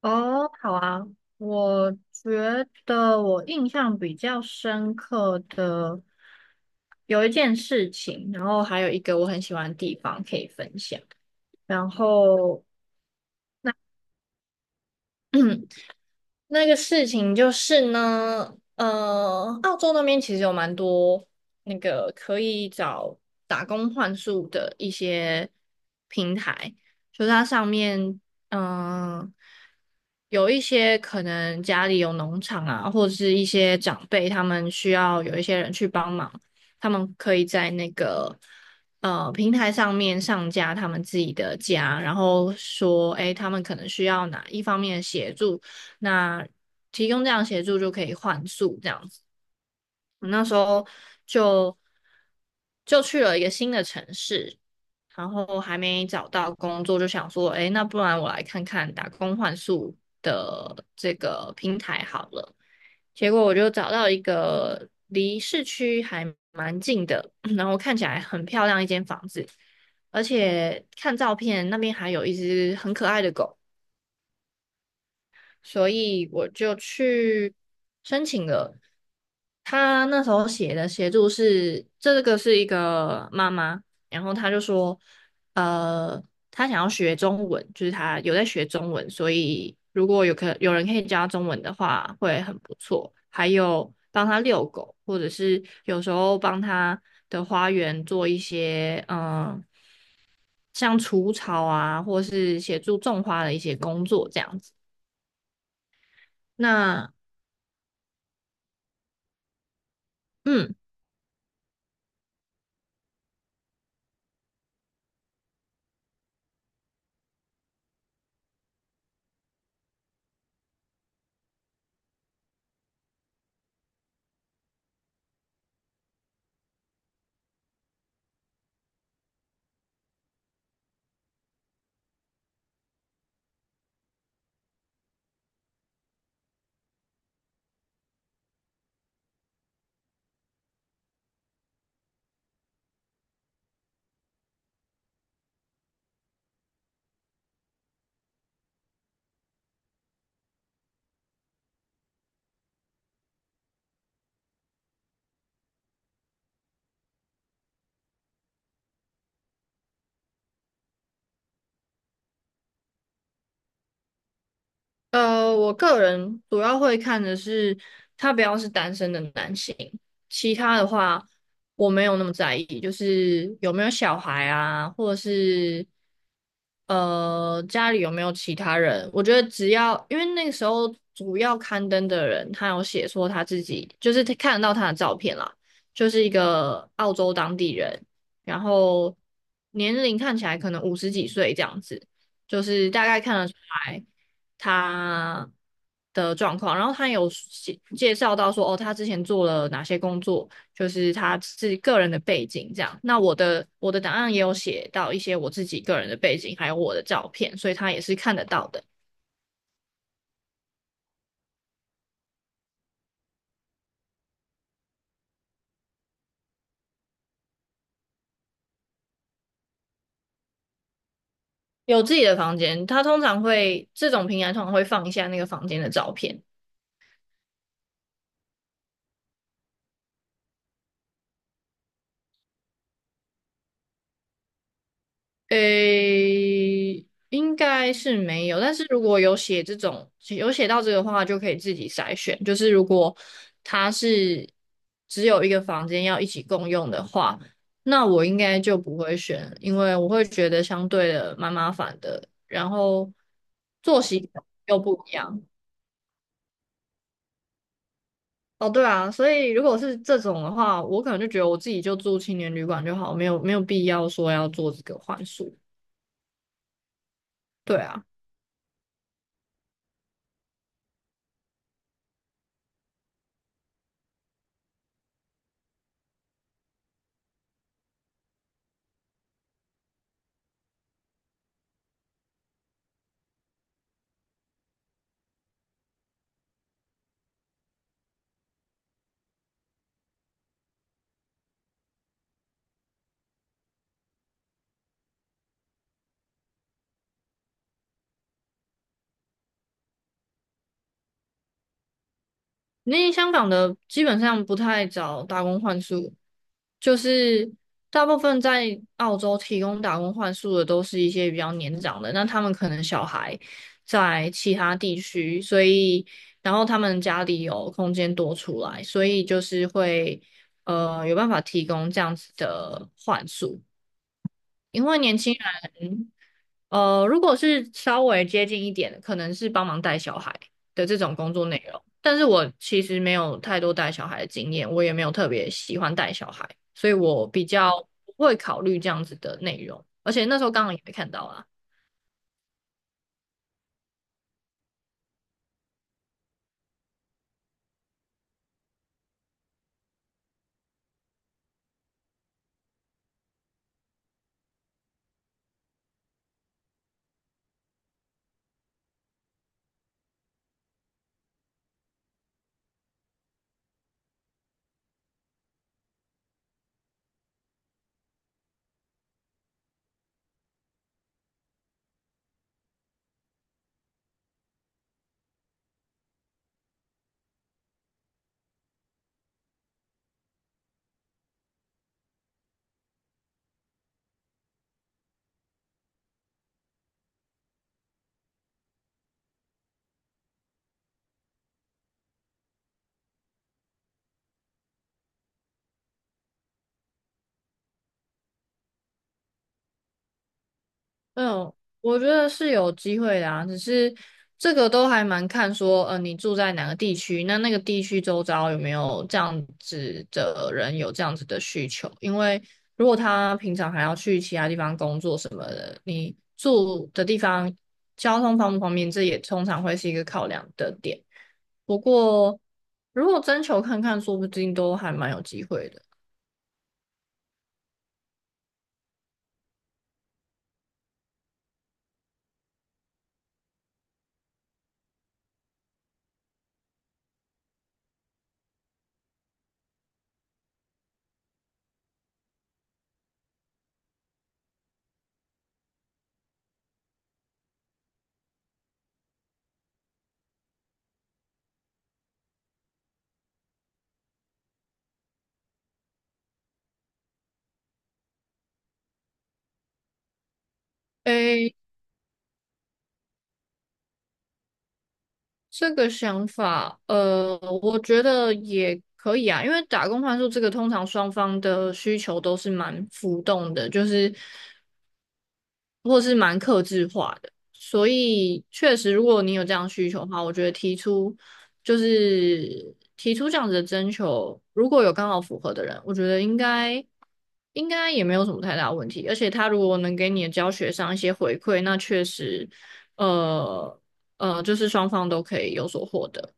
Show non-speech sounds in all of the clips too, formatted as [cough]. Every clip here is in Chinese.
哦，好啊，我觉得我印象比较深刻的有一件事情，然后还有一个我很喜欢的地方可以分享。然后 [clears throat] 那个事情就是呢，澳洲那边其实有蛮多那个可以找打工换宿的一些平台，就是它上面，嗯、有一些可能家里有农场啊，或者是一些长辈，他们需要有一些人去帮忙，他们可以在那个平台上面上架他们自己的家，然后说，诶，他们可能需要哪一方面的协助。那提供这样协助就可以换宿这样子。我那时候就就去了一个新的城市，然后还没找到工作，就想说，哎，那不然我来看看打工换宿的这个平台好了。结果我就找到一个离市区还蛮近的，[clears throat] 然后看起来很漂亮一间房子，而且看照片那边还有一只很可爱的狗。所以我就去申请了。他那时候写的协助是，这个是一个妈妈，然后他就说，呃，他想要学中文，就是他有在学中文，所以如果有人可以教他中文的话，会很不错。还有帮他遛狗，或者是有时候帮他的花园做一些，像除草啊，或是协助种花的一些工作这样子。那嗯，我个人主要会看的是他不要是单身的男性，其他的话我没有那么在意，就是有没有小孩啊，或者是家里有没有其他人。我觉得只要因为那个时候主要刊登的人，他有写说他自己就是他看得到他的照片啦，就是一个澳洲当地人，然后年龄看起来可能五十几岁这样子，就是大概看得出来。他的状况，然后他有介绍到说，哦，他之前做了哪些工作，就是他自己个人的背景这样。那我的档案也有写到一些我自己个人的背景，还有我的照片，所以他也是看得到的。有自己的房间，他通常会这种平台通常会放一下那个房间的照片，诶，应该是没有，但是如果有写到这个的话，就可以自己筛选。就是如果他是只有一个房间要一起共用的话，那我应该就不会选，因为我会觉得相对的蛮麻烦的，然后作息又不一样。哦，对啊，所以如果是这种的话，我可能就觉得我自己就住青年旅馆就好，没有必要说要做这个换宿。对啊。因为香港的基本上不太找打工换宿，就是大部分在澳洲提供打工换宿的都是一些比较年长的，那他们可能小孩在其他地区，所以然后他们家里有空间多出来，所以就是会有办法提供这样子的换宿，因为年轻人。如果是稍微接近一点的，可能是帮忙带小孩的这种工作内容。但是我其实没有太多带小孩的经验，我也没有特别喜欢带小孩，所以我比较不会考虑这样子的内容。而且那时候刚好也没看到啊。嗯，我觉得是有机会的啊，只是这个都还蛮看说，你住在哪个地区，那那个地区周遭有没有这样子的人有这样子的需求？因为如果他平常还要去其他地方工作什么的，你住的地方交通方不方便，这也通常会是一个考量的点。不过如果征求看看，说不定都还蛮有机会的。诶，这个想法，我觉得也可以啊，因为打工换宿这个通常双方的需求都是蛮浮动的，就是或是蛮克制化的，所以确实，如果你有这样需求的话，我觉得提出这样子的征求，如果有刚好符合的人，我觉得应该也没有什么太大问题，而且他如果能给你的教学上一些回馈，那确实，呃就是双方都可以有所获得。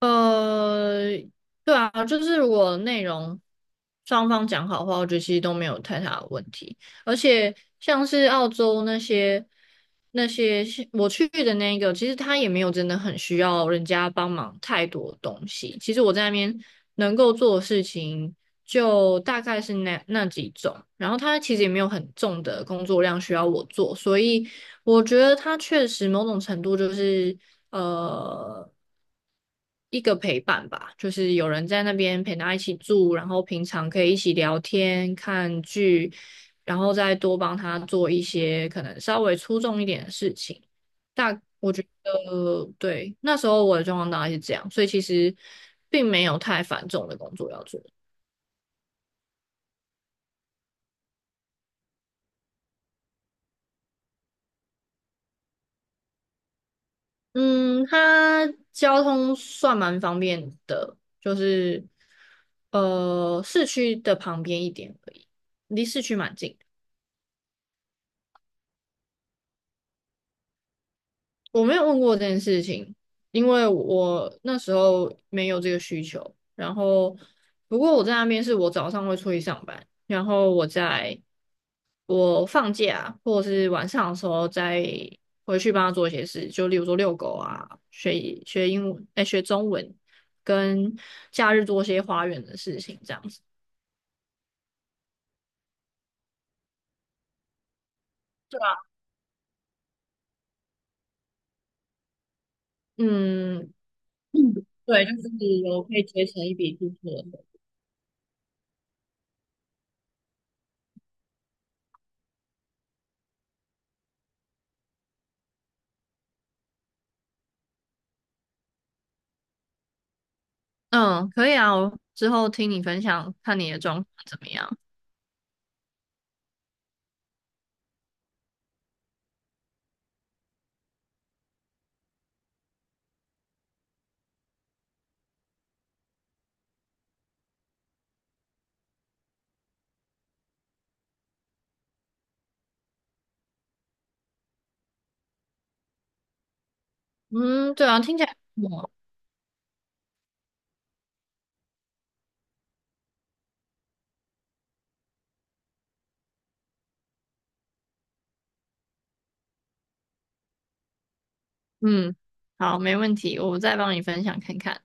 呃，对啊，就是如果内容双方讲好的话，我觉得其实都没有太大的问题。而且像是澳洲那些我去的那个，其实他也没有真的很需要人家帮忙太多东西。其实我在那边能够做的事情就大概是那几种，然后他其实也没有很重的工作量需要我做，所以我觉得他确实某种程度就是呃。一个陪伴吧，就是有人在那边陪他一起住，然后平常可以一起聊天、看剧，然后再多帮他做一些可能稍微出众一点的事情。大对，那时候我的状况大概是这样，所以其实并没有太繁重的工作要做。嗯，它交通算蛮方便的，就是市区的旁边一点而已，离市区蛮近。我没有问过这件事情，因为我那时候没有这个需求。然后，不过我在那边是我早上会出去上班，然后我放假或者是晚上的时候再回去帮他做一些事，就例如说遛狗啊，学英文，哎，学中文，跟假日做一些花园的事情，这样子。嗯，对，就是有可以结成一笔支出的嗯，可以啊，我之后听你分享，看你的状况怎么样。嗯，对啊，听起来不错嗯，好，没问题，我再帮你分享看看。